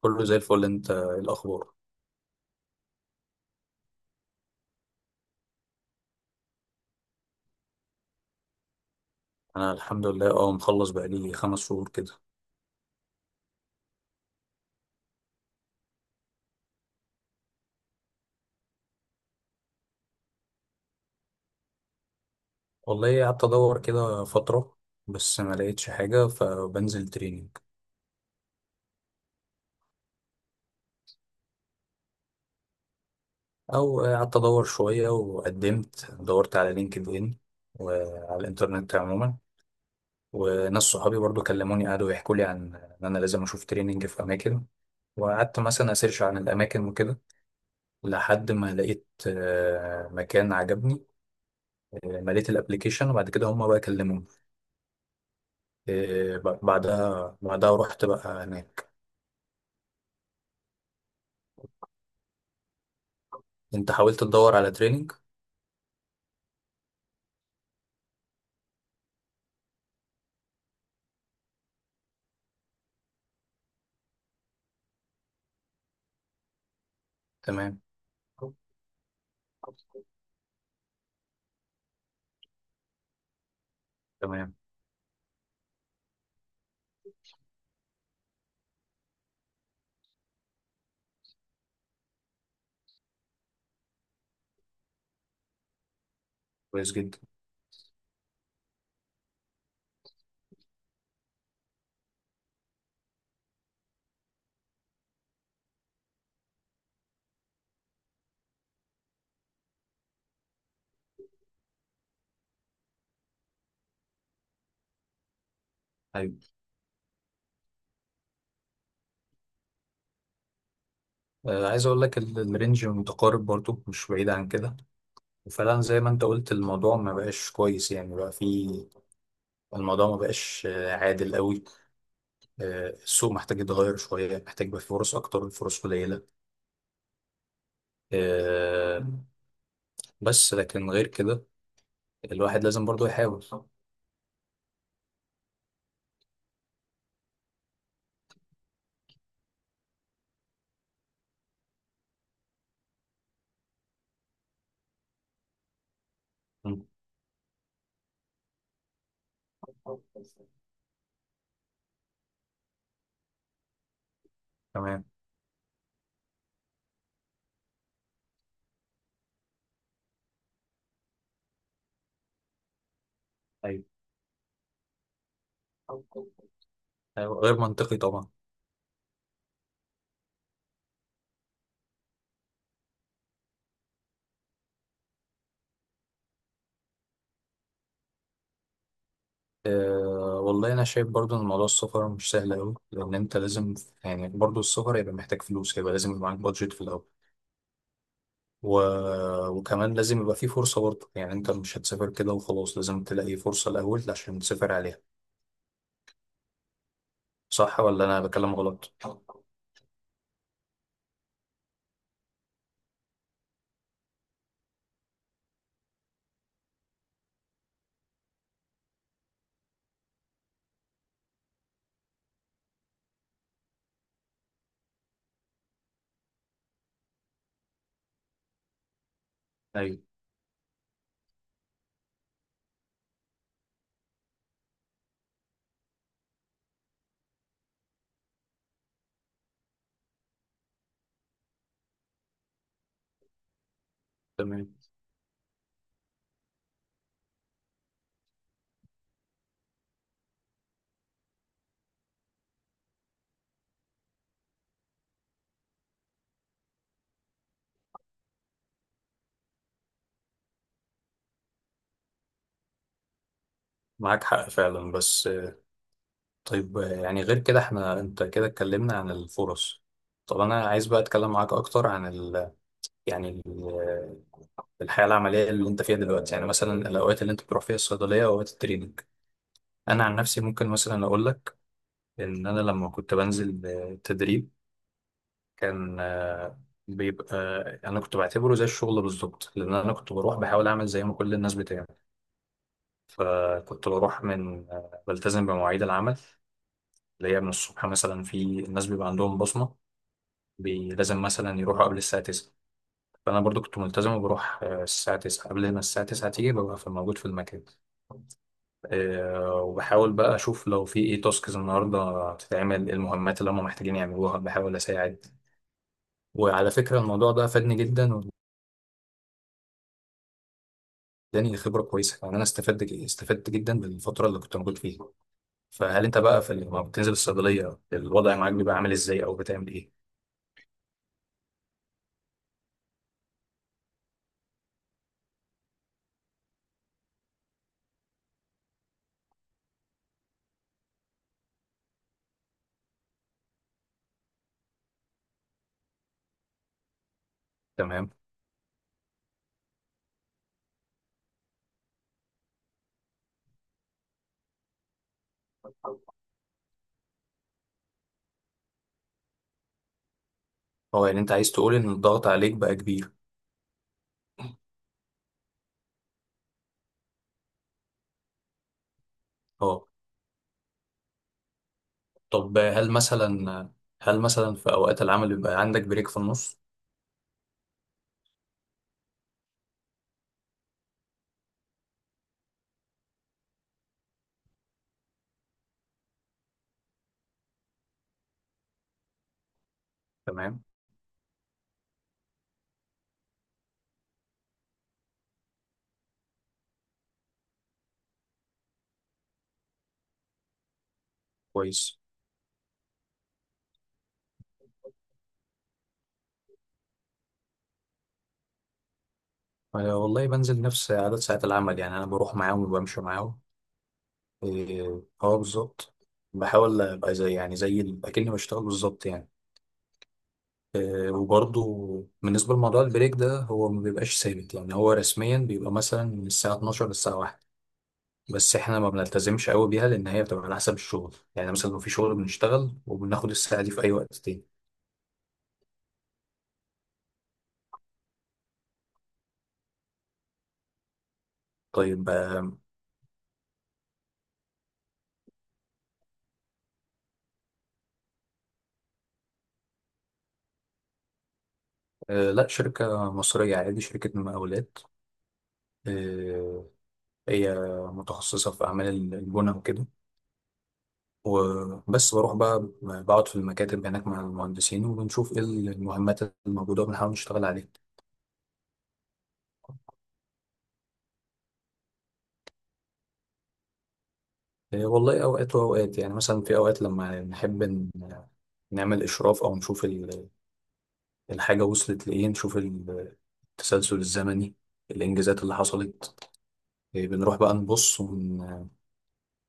كله زي الفل، انت ايه الاخبار؟ انا الحمد لله، مخلص بقالي 5 شهور كده. والله قعدت ادور كده فترة، بس ما لقيتش حاجة فبنزل تريننج. او قعدت ادور شوية وقدمت دورت على لينكد ان، وعلى الانترنت عموما. وناس صحابي برضو كلموني، قعدوا يحكوا لي عن ان انا لازم اشوف تريننج في اماكن. وقعدت مثلا اسيرش عن الاماكن وكده، لحد ما لقيت مكان عجبني. مليت الابليكيشن، وبعد كده هم بقى كلموني. إيه، ب- بعدها بعدها رحت بقى هناك. انت حاولت تدور على تريننج؟ تمام. تمام. كويس جدا. ايوه. عايز اقول لك الرينج متقارب برضو، مش بعيد عن كده. وفعلا زي ما انت قلت الموضوع ما بقاش كويس، يعني بقى في، الموضوع ما بقاش عادل قوي. السوق محتاج يتغير شويه، محتاج يبقى في فرص اكتر، الفرص قليله. آه بس لكن غير كده، الواحد لازم برضو يحاول. مم. تمام. ايوه. أيوة، غير منطقي طبعا. والله أنا شايف برضو إن موضوع السفر مش سهل أوي، لأن أنت لازم، يعني برضو السفر هيبقى محتاج فلوس، هيبقى لازم يبقى معاك بادجت في الأول، و... وكمان لازم يبقى فيه فرصة برضو، يعني أنت مش هتسافر كده وخلاص، لازم تلاقي فرصة الأول عشان تسافر عليها. صح ولا أنا بكلم غلط؟ أيوه. تمام. معاك حق فعلا، بس طيب. يعني غير كده، أنت كده اتكلمنا عن الفرص. طب أنا عايز بقى أتكلم معاك أكتر عن يعني الحياه العمليه اللي انت فيها دلوقتي، يعني مثلا الاوقات اللي انت بتروح فيها الصيدليه واوقات التريننج. انا عن نفسي ممكن مثلا اقول لك ان انا لما كنت بنزل تدريب، كان آه، بيبقى آه، انا كنت بعتبره زي الشغل بالظبط، لان انا كنت بروح بحاول اعمل زي ما كل الناس بتعمل. كنت بروح من آه، بلتزم بمواعيد العمل، اللي هي من الصبح. مثلا في الناس بيبقى عندهم بصمه، لازم مثلا يروحوا قبل الساعه 9. فانا برضو كنت ملتزم وبروح الساعه 9 قبل ما الساعه 9 تيجي، ببقى موجود في المكان. وبحاول بقى اشوف لو في ايه تاسكز النهارده تتعمل، إيه المهمات اللي هم محتاجين يعملوها، بحاول اساعد. وعلى فكره الموضوع ده فادني جدا، واداني خبره كويسه، يعني انا استفدت استفدت جدا بالفتره اللي كنت موجود فيها. فهل انت بقى في، لما بتنزل الصيدليه الوضع معاك بيبقى عامل ازاي او بتعمل ايه؟ تمام. هو يعني انت عايز تقول ان الضغط عليك بقى كبير؟ اه. طب هل مثلا في اوقات العمل بيبقى عندك بريك في النص؟ تمام. كويس. أنا والله بنزل نفس عدد ساعات العمل، يعني أنا بروح معاهم وبمشي معاهم. إيه، أه بالظبط. بحاول أبقى يعني زي أكني بشتغل بالظبط يعني. إيه، وبرضه بالنسبة لموضوع البريك ده، هو ما بيبقاش ثابت يعني. هو رسميا بيبقى مثلا من الساعة 12 للساعة 1، بس إحنا ما بنلتزمش قوي بيها، لأن هي بتبقى على حسب الشغل. يعني مثلا لو في شغل بنشتغل وبناخد الساعة دي في أي وقت تاني. طيب لا، شركة مصرية عادي، شركة مقاولات. هي متخصصة في أعمال البنى وكده، وبس بروح بقى بقعد في المكاتب هناك مع المهندسين، وبنشوف إيه المهمات الموجودة وبنحاول نشتغل عليها. إيه والله، أوقات وأوقات. يعني مثلا في أوقات لما نحب نعمل إشراف، أو نشوف الحاجة وصلت لإيه، نشوف التسلسل الزمني، الإنجازات اللي حصلت. إيه بنروح بقى نبص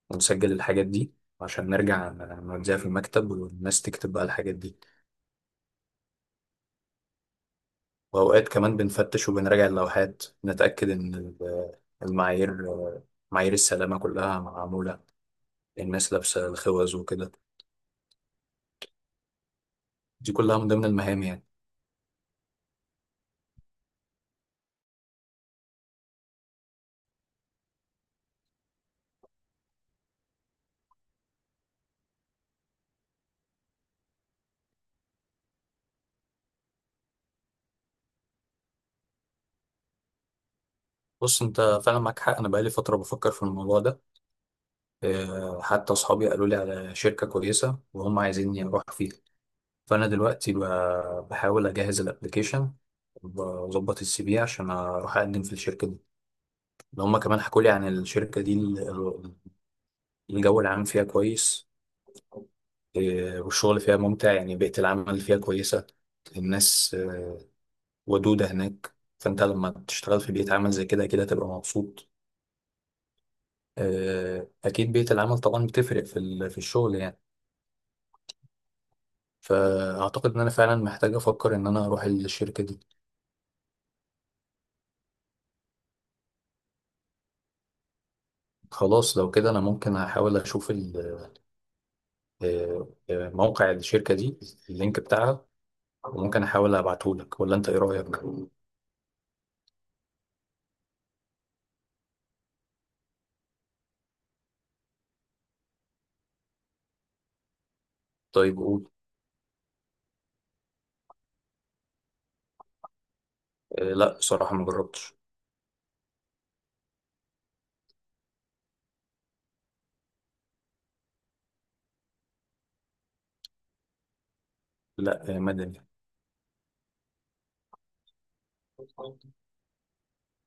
ونسجل الحاجات دي، عشان نرجع نوديها في المكتب والناس تكتب بقى الحاجات دي. وأوقات كمان بنفتش وبنراجع اللوحات، نتأكد إن المعايير، معايير السلامة كلها معمولة، الناس لابسة الخوذ وكده. دي كلها من ضمن المهام يعني. بص أنت، فعلا معاك حق، أنا بقالي فترة بفكر في الموضوع ده. حتى أصحابي قالوا لي على شركة كويسة، وهم عايزيني أروح فيها. فأنا دلوقتي بحاول أجهز الأبليكيشن، وأظبط السي في عشان أروح أقدم في الشركة دي. لو هم كمان حكوا لي عن الشركة دي، الجو العام فيها كويس. إيه، والشغل فيها ممتع، يعني بيئة العمل فيها كويسة، الناس ودودة هناك، فأنت لما تشتغل في بيئة عمل زي كده كده تبقى مبسوط. أكيد بيئة العمل طبعا بتفرق في في الشغل يعني. فأعتقد إن أنا فعلا محتاج أفكر إن أنا أروح الشركة دي. خلاص لو كده أنا ممكن أحاول أشوف موقع الشركة دي، اللينك بتاعها، وممكن أحاول أبعتهولك. ولا أنت إيه رأيك؟ طيب قول. لا، بصراحة ما جربتش. لا، مدني.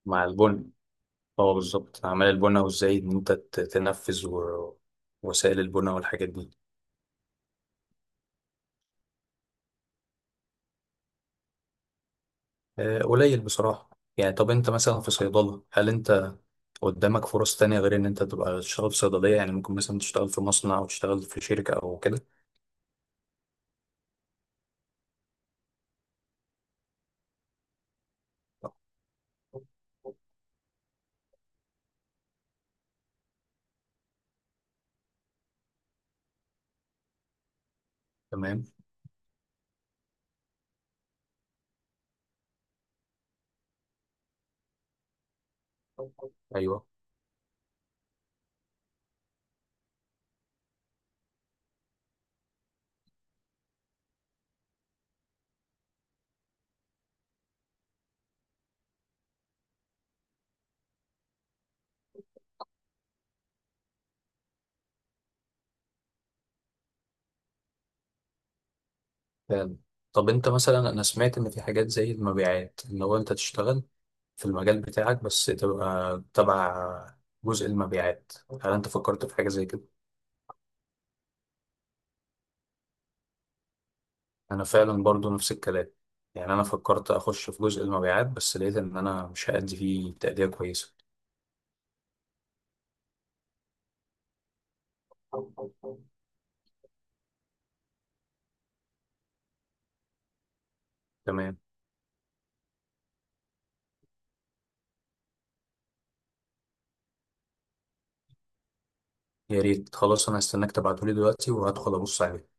مع البن، اه بالظبط اعمال البنى، وازاي ان انت تنفذ وسائل البنى والحاجات دي. قليل بصراحه. يعني طب انت مثلا في صيدله، هل انت قدامك فرص تانية غير ان انت تبقى تشتغل في صيدليه؟ يعني ممكن مثلا تشتغل في مصنع او تشتغل في شركه او كده. تمام. ايوه. فعلا. طب انت مثلا، انا سمعت ان في حاجات زي المبيعات، ان هو انت تشتغل في المجال بتاعك، بس تبقى تبع جزء المبيعات. هل انت فكرت في حاجه زي كده؟ انا فعلا برضو نفس الكلام، يعني انا فكرت اخش في جزء المبيعات، بس لقيت ان انا مش هأدي فيه تأدية كويسة. تمام. يا ريت. خلاص انا هستناك تبعتولي دلوقتي وهدخل ابص عليه.